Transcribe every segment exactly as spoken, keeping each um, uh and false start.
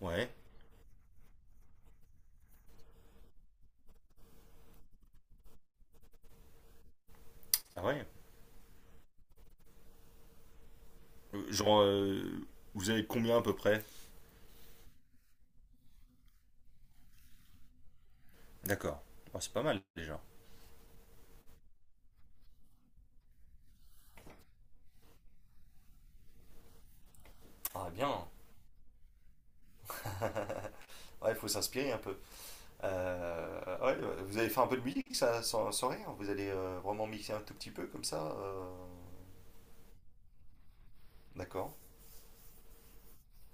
Ouais. Ah ouais. Euh, Genre, euh, vous avez combien à peu près? D'accord. Ah, c'est pas mal déjà. Ah bien. Ouais, il faut s'inspirer un peu. Euh, ouais, ouais, vous allez faire un peu de musique, ça, sans, sans rien. Vous allez euh, vraiment mixer un tout petit peu comme ça. euh, D'accord.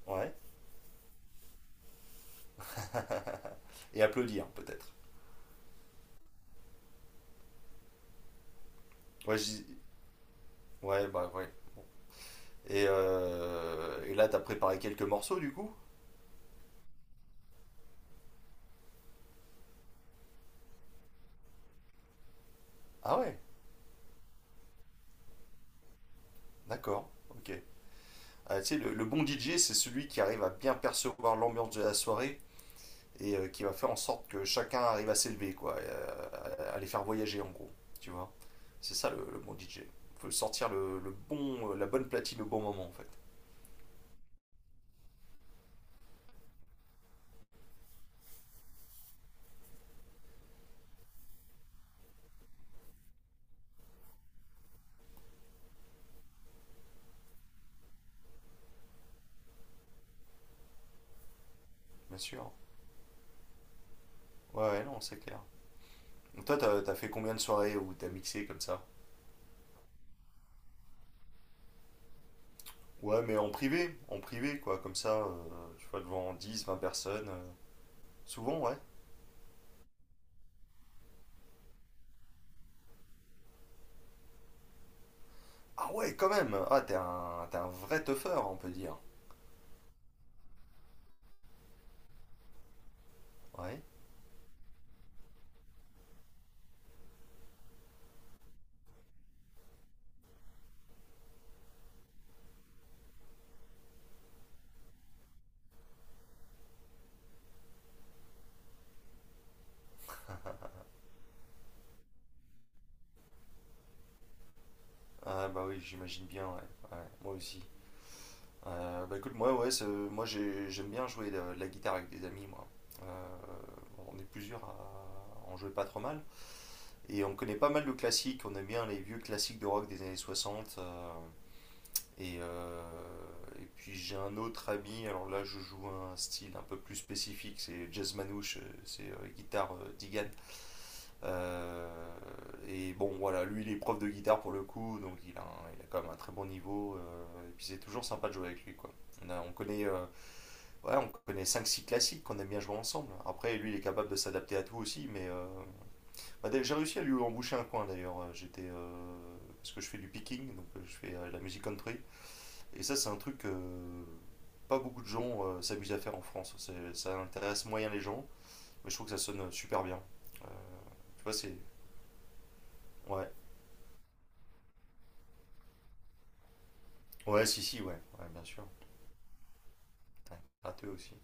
Ouais. Et applaudir, peut-être. Ouais, je dis- Ouais, bah ouais. Et, euh, et là, t'as préparé quelques morceaux, du coup? Ah ouais. D'accord. Ok. Euh, tu sais, le, le bon D J, c'est celui qui arrive à bien percevoir l'ambiance de la soirée et euh, qui va faire en sorte que chacun arrive à s'élever, quoi, et, euh, à les faire voyager en gros, tu vois. C'est ça le, le bon D J. Il faut sortir le, le bon, la bonne platine au bon moment en fait, bien sûr. Ouais, ouais, non, c'est clair. Donc toi, t'as, t'as fait combien de soirées où t'as mixé comme ça? Ouais, mais en privé, en privé, quoi, comme ça, euh, tu vois, devant dix, vingt personnes, euh, souvent, ouais. Ah ouais, quand même! Ah, t'es un, t'es un vrai teufeur, on peut dire. Ouais. Ah bah oui, j'imagine bien, ouais. Ouais, moi aussi. Euh, bah écoute, moi, ouais, c'est- moi j'ai- j'aime bien jouer de la guitare avec des amis, moi. Euh, on est plusieurs à en jouer pas trop mal. Et on connaît pas mal de classiques, on aime bien les vieux classiques de rock des années soixante euh, et, euh, et puis j'ai un autre ami, alors là je joue un style un peu plus spécifique, c'est jazz manouche, euh, c'est euh, guitare euh, Digan. Euh, et bon voilà, lui il est prof de guitare pour le coup, donc il a, un- il a quand même un très bon niveau, euh, et puis c'est toujours sympa de jouer avec lui quoi. On a- on connaît, euh, ouais, on connaît cinq six classiques qu'on aime bien jouer ensemble. Après lui il est capable de s'adapter à tout aussi, mais euh, bah, d'ailleurs, j'ai réussi à lui emboucher un coin d'ailleurs. Euh, J'étais euh, parce que je fais du picking, donc euh, je fais euh, de la musique country. Et ça, c'est un truc que pas beaucoup de gens euh, s'amusent à faire en France. C'est- Ça intéresse moyen les gens, mais je trouve que ça sonne super bien. Euh, tu vois, c'est. Ouais. Ouais, si, si, ouais. Ouais, bien sûr. T'as emprunté aussi.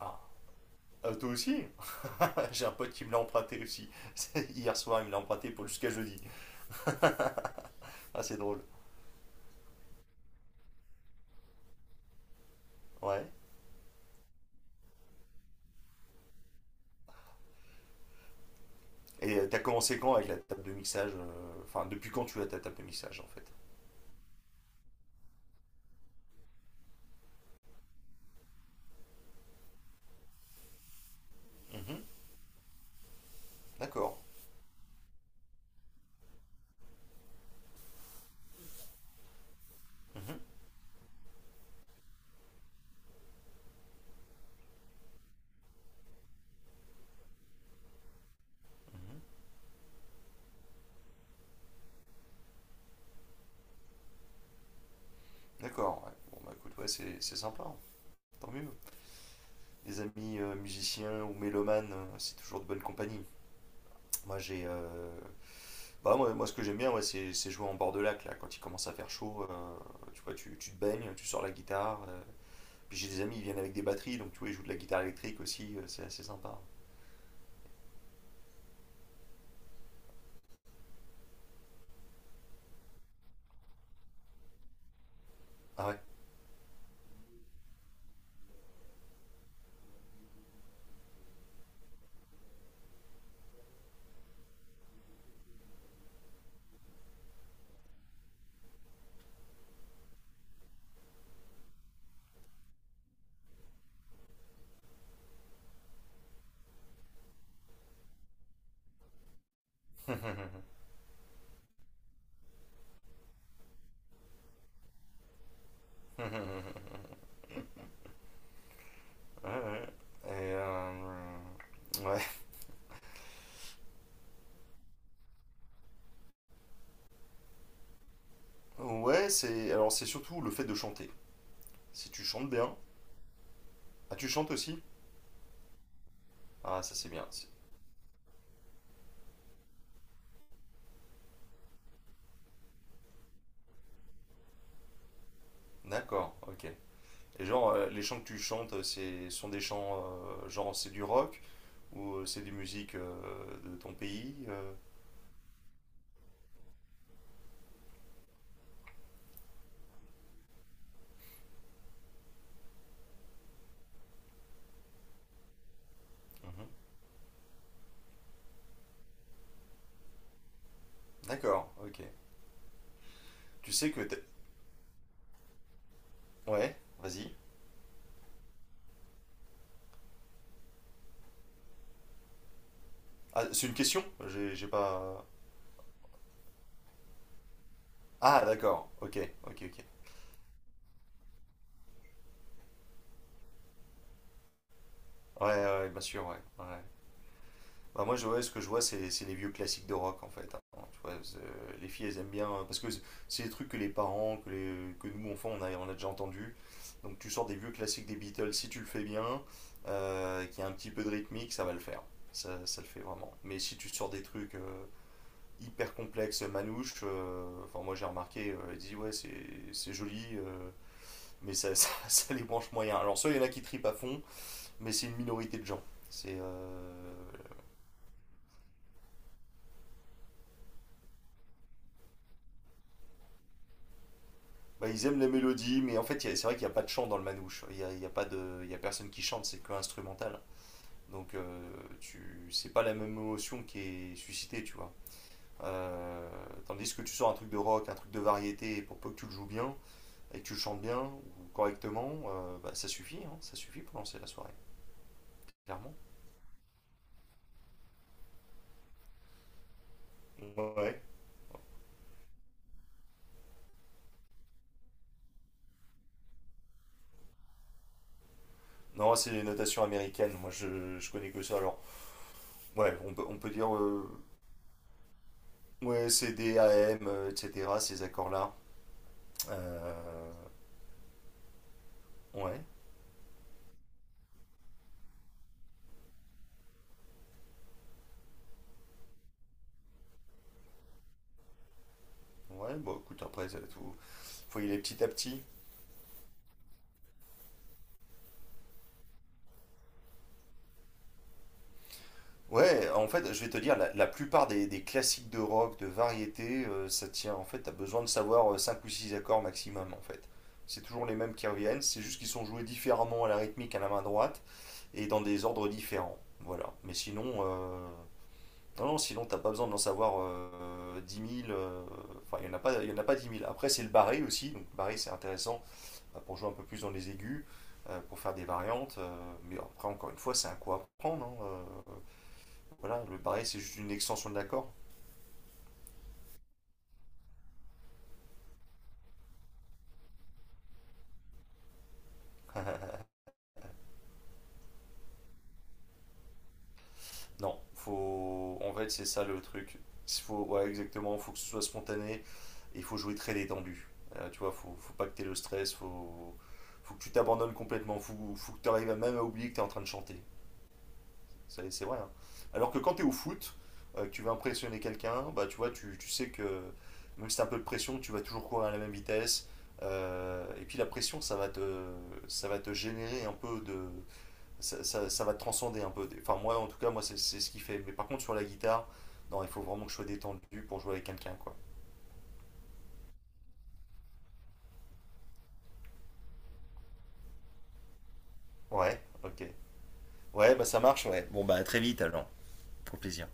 Ah. Ah, toi aussi J'ai un pote qui me l'a emprunté aussi. Hier soir, il me l'a emprunté pour jusqu'à jeudi. ah, c'est drôle. Ouais. Et euh, t'as commencé quand avec la table de mixage euh, Enfin, depuis quand tu as ta table de mixage en fait? Mhm. D'accord. Mhm. Mhm. D'accord, ouais. Bon, bah écoute, ouais, c'est c'est sympa. Tant mieux. Des amis euh, musiciens ou mélomanes, euh, c'est toujours de bonne compagnie. Moi, j'ai, euh, bah, moi, moi, ce que j'aime bien, ouais, c'est c'est jouer en bord de lac, là, quand il commence à faire chaud, euh, tu vois, tu, tu te baignes, tu sors la guitare. euh. Puis j'ai des amis, ils viennent avec des batteries, donc tu vois, ils jouent de la guitare électrique aussi, euh, c'est assez sympa. Ah ouais. Ouais, ouais. Et, euh, ouais. Ouais, c'est, alors c'est surtout le fait de chanter. Si tu chantes bien. Ah, tu chantes aussi? Ah, ça c'est bien. c'est- D'accord, ok. Et genre, euh, les chants que tu chantes, euh, c'est sont des chants, euh, genre c'est du rock ou euh, c'est des musiques euh, de ton pays. euh. Mhm. D'accord, ok. Tu sais que t'es- Ouais, vas-y. Ah, c'est une question? J'ai j'ai pas. Ah, d'accord, ok, ok, ok. Ouais, ouais, ouais, bien sûr, ouais. Ouais. Bah, moi, je, ouais, ce que je vois, c'est c'est les vieux classiques de rock en fait. Hein. Tu vois, c'est- les filles, elles aiment bien euh, parce que c'est- c'est des trucs que les parents, que, les- que nous, enfants, on a, on a déjà entendu. Donc, tu sors des vieux classiques des Beatles si tu le fais bien, euh, qu'il y a un petit peu de rythmique, ça va le faire. Ça, ça le fait vraiment. Mais si tu sors des trucs euh, hyper complexes, manouches, euh, enfin, moi j'ai remarqué, euh, elle dit ouais, c'est c'est joli, euh, mais ça, ça, ça les branche moyen. Alors, soit il y en a qui tripent à fond, mais c'est une minorité de gens. C'est euh, Bah, ils aiment les mélodies, mais en fait, il y a- c'est vrai qu'il n'y a pas de chant dans le manouche. Il n'y a, il y a, pas de- Il y a personne qui chante, c'est que instrumental. Donc, euh, tu, c'est pas la même émotion qui est suscitée, tu vois. Euh, tandis que tu sors un truc de rock, un truc de variété, et pour peu que tu le joues bien et que tu le chantes bien ou correctement, euh, bah, ça suffit, hein, ça suffit pour lancer la soirée, clairement. Ouais. Non, c'est les notations américaines, moi je, je connais que ça. Alors, ouais, on peut, on peut dire, euh, ouais, C D, A M, euh, et cetera, ces accords-là. Euh, ouais. Ouais, bon, écoute, après, ça, tout. Faut y aller petit à petit. Ouais, en fait, je vais te dire, la, la plupart des, des classiques de rock, de variété, euh, ça tient. En fait, t'as besoin de savoir euh, cinq ou six accords maximum, en fait. C'est toujours les mêmes qui reviennent, c'est juste qu'ils sont joués différemment à la rythmique à la main droite et dans des ordres différents. Voilà. Mais sinon, euh, non, non, sinon, t'as pas besoin d'en savoir euh, dix mille. euh, Enfin, il n'y en, a pas- il y en a pas dix mille. Après, c'est le barré aussi. Donc, barré, c'est intéressant. Euh, pour jouer un peu plus dans les aigus, euh, pour faire des variantes. euh, mais après, encore une fois, c'est un coup à prendre. Hein. euh, voilà, le barré, c'est juste une extension de l'accord. Non, faut. En fait, c'est ça le truc. Faut. Ouais, exactement, faut que ce soit spontané et il faut jouer très détendu. Euh, tu vois, faut, faut pas que t'aies le stress, faut, faut que tu t'abandonnes complètement, faut, faut que tu arrives même à oublier que t'es en train de chanter. C'est vrai. Hein. Alors que quand tu es au foot, euh, que tu veux impressionner quelqu'un, bah, tu vois, tu, tu sais que même si tu as un peu de pression, tu vas toujours courir à la même vitesse. Euh, et puis la pression, ça va te, ça va te générer un peu de. Ça, ça- ça va te transcender un peu. Enfin, moi, en tout cas, moi, c'est c'est ce qui fait. Mais par contre, sur la guitare, non, il faut vraiment que je sois détendu pour jouer avec quelqu'un, quoi. Ouais, ok. Ouais, bah ça marche, ouais. Bon, bah à très vite alors. Pour plaisir.